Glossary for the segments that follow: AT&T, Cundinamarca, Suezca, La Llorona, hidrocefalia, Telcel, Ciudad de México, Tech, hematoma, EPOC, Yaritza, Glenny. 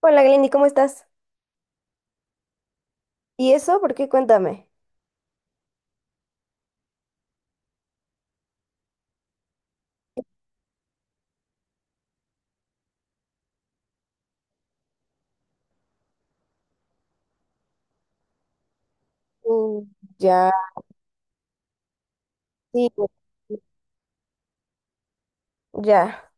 Hola Glenny, ¿cómo estás? ¿Y eso? ¿Por qué? Cuéntame. Mm, ya, sí. Ya,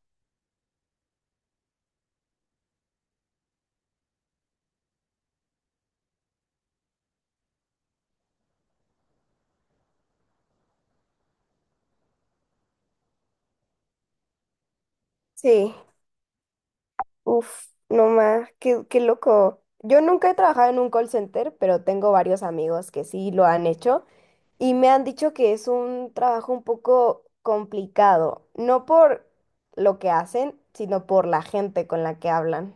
sí. Uf, no más, qué, qué loco. Yo nunca he trabajado en un call center, pero tengo varios amigos que sí lo han hecho y me han dicho que es un trabajo un poco complicado, no por lo que hacen, sino por la gente con la que hablan.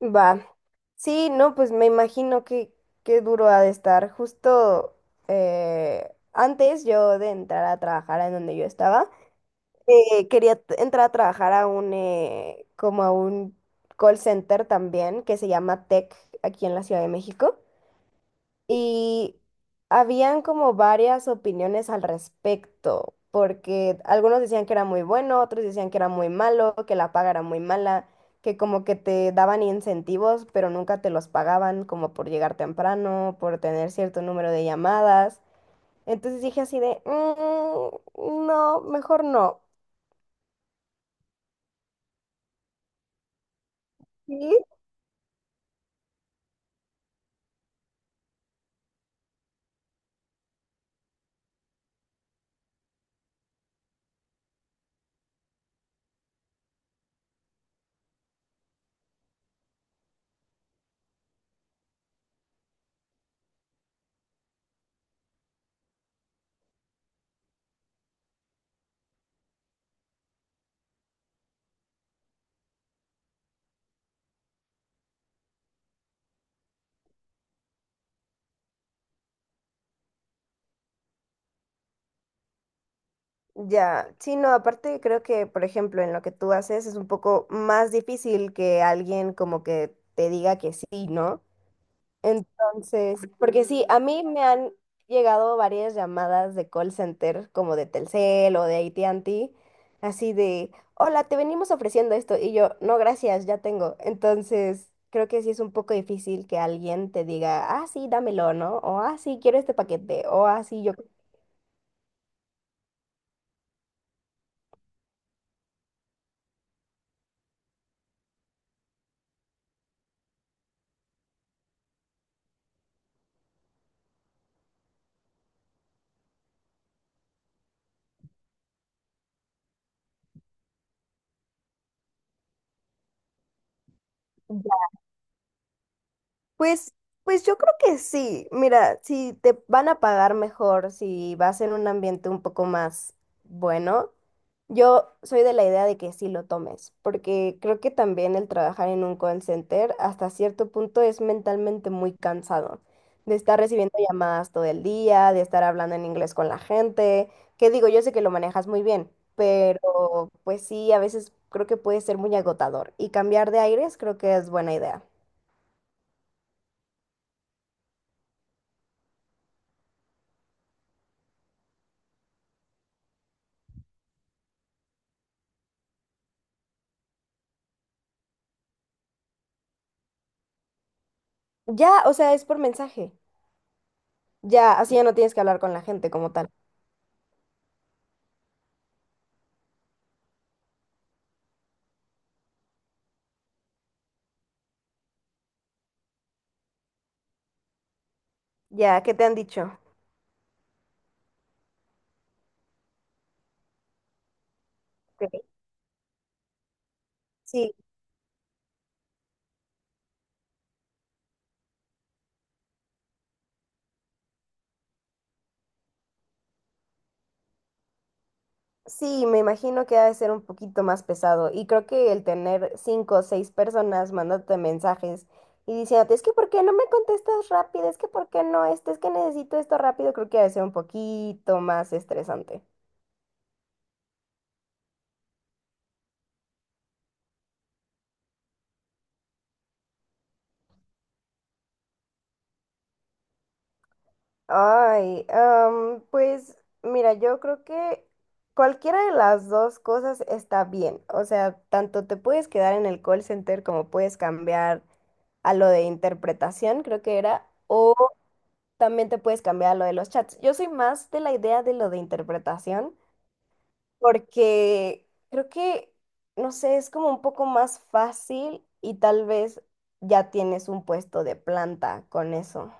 Va. Sí, no, pues me imagino que qué duro ha de estar. Justo antes yo de entrar a trabajar en donde yo estaba, entrar a trabajar a un como a un call center también que se llama Tech aquí en la Ciudad de México. Y habían como varias opiniones al respecto, porque algunos decían que era muy bueno, otros decían que era muy malo, que la paga era muy mala, que como que te daban incentivos, pero nunca te los pagaban, como por llegar temprano, por tener cierto número de llamadas. Entonces dije así de, "Mm, no, mejor no". ¿Sí? Ya, sí, no, aparte creo que, por ejemplo, en lo que tú haces es un poco más difícil que alguien como que te diga que sí, ¿no? Entonces, porque sí, a mí me han llegado varias llamadas de call center, como de Telcel o de AT&T, así de, hola, te venimos ofreciendo esto. Y yo, no, gracias, ya tengo. Entonces, creo que sí es un poco difícil que alguien te diga, ah, sí, dámelo, ¿no? O, ah, sí, quiero este paquete. O, ah, sí, yo. Pues, pues yo creo que sí. Mira, si te van a pagar mejor, si vas en un ambiente un poco más bueno, yo soy de la idea de que sí lo tomes, porque creo que también el trabajar en un call center hasta cierto punto es mentalmente muy cansado, de estar recibiendo llamadas todo el día, de estar hablando en inglés con la gente, que digo, yo sé que lo manejas muy bien, pero pues sí, a veces creo que puede ser muy agotador y cambiar de aires creo que es buena idea. Ya, o sea, es por mensaje. Ya, así ya no tienes que hablar con la gente como tal. Ya, ¿qué te han dicho? Ok. Sí, sí, me imagino que ha de ser un poquito más pesado. Y creo que el tener cinco o seis personas mandándote mensajes y diciéndote, es que ¿por qué no me contestas rápido? Es que ¿por qué no? Esto es que necesito esto rápido, creo que ha de ser un poquito más estresante. Ay, pues mira, yo creo que cualquiera de las dos cosas está bien. O sea, tanto te puedes quedar en el call center como puedes cambiar a lo de interpretación, creo que era, o también te puedes cambiar a lo de los chats. Yo soy más de la idea de lo de interpretación porque creo que, no sé, es como un poco más fácil y tal vez ya tienes un puesto de planta con eso.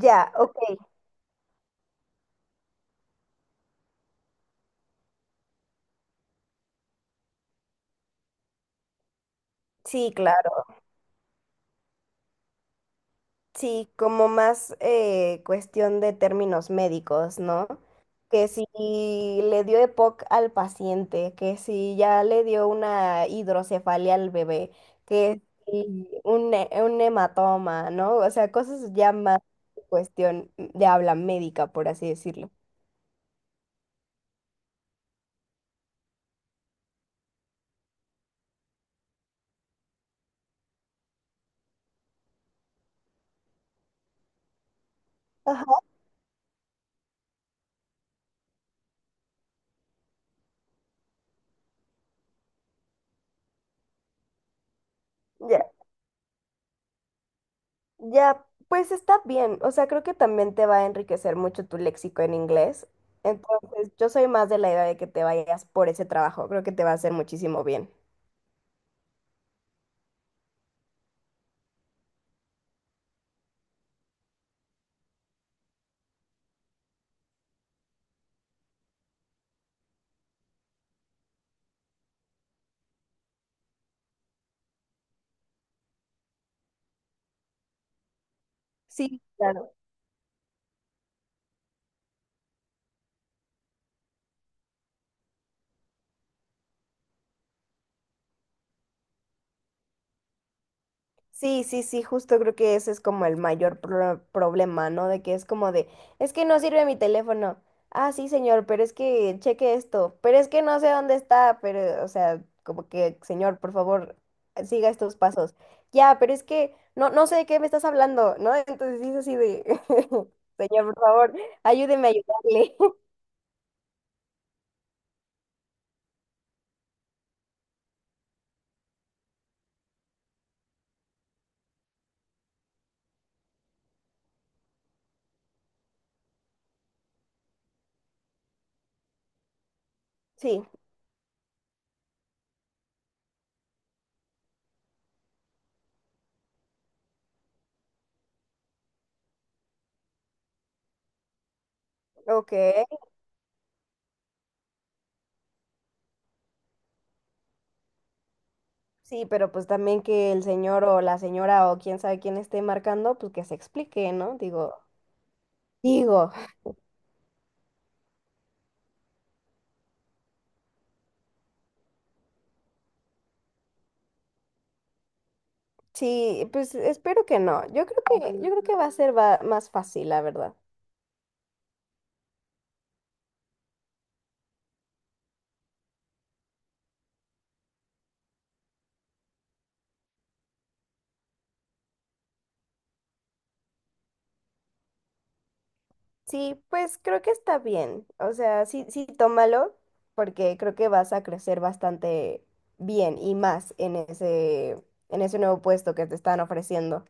Ya, ok. Sí, claro. Sí, como más cuestión de términos médicos, ¿no? Que si le dio EPOC al paciente, que si ya le dio una hidrocefalia al bebé, que si un, un hematoma, ¿no? O sea, cosas ya más cuestión de habla médica, por así decirlo. Ajá. Ya, pues está bien. O sea, creo que también te va a enriquecer mucho tu léxico en inglés. Entonces, yo soy más de la idea de que te vayas por ese trabajo. Creo que te va a hacer muchísimo bien. Sí, claro. Sí, sí, sí, justo creo que ese es como el mayor problema, ¿no? De que es como de, es que no sirve mi teléfono. Ah, sí, señor, pero es que cheque esto, pero es que no sé dónde está, pero, o sea, como que, señor, por favor, siga estos pasos. Ya, pero es que no, no sé de qué me estás hablando, ¿no? Entonces sí es así de, señor, por favor, ayúdeme a ayudarle. Sí, ok. Sí, pero pues también que el señor o la señora o quién sabe quién esté marcando, pues que se explique, ¿no? Digo. Digo. Sí, pues espero que no. Yo creo que va a ser más fácil, la verdad. Sí, pues creo que está bien. O sea, sí, sí, tómalo, porque creo que vas a crecer bastante bien y más en ese nuevo puesto que te están ofreciendo.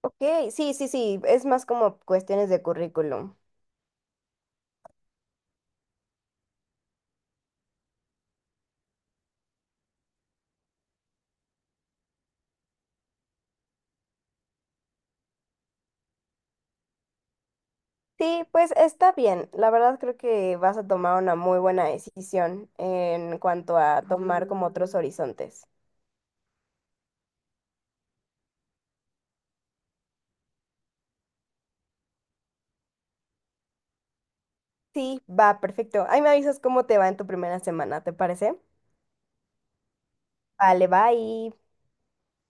Ok, sí, sí, sí, es más como cuestiones de currículum. Sí, pues está bien. La verdad creo que vas a tomar una muy buena decisión en cuanto a tomar como otros horizontes. Sí, va, perfecto. Ahí me avisas cómo te va en tu primera semana, ¿te parece? Vale, bye.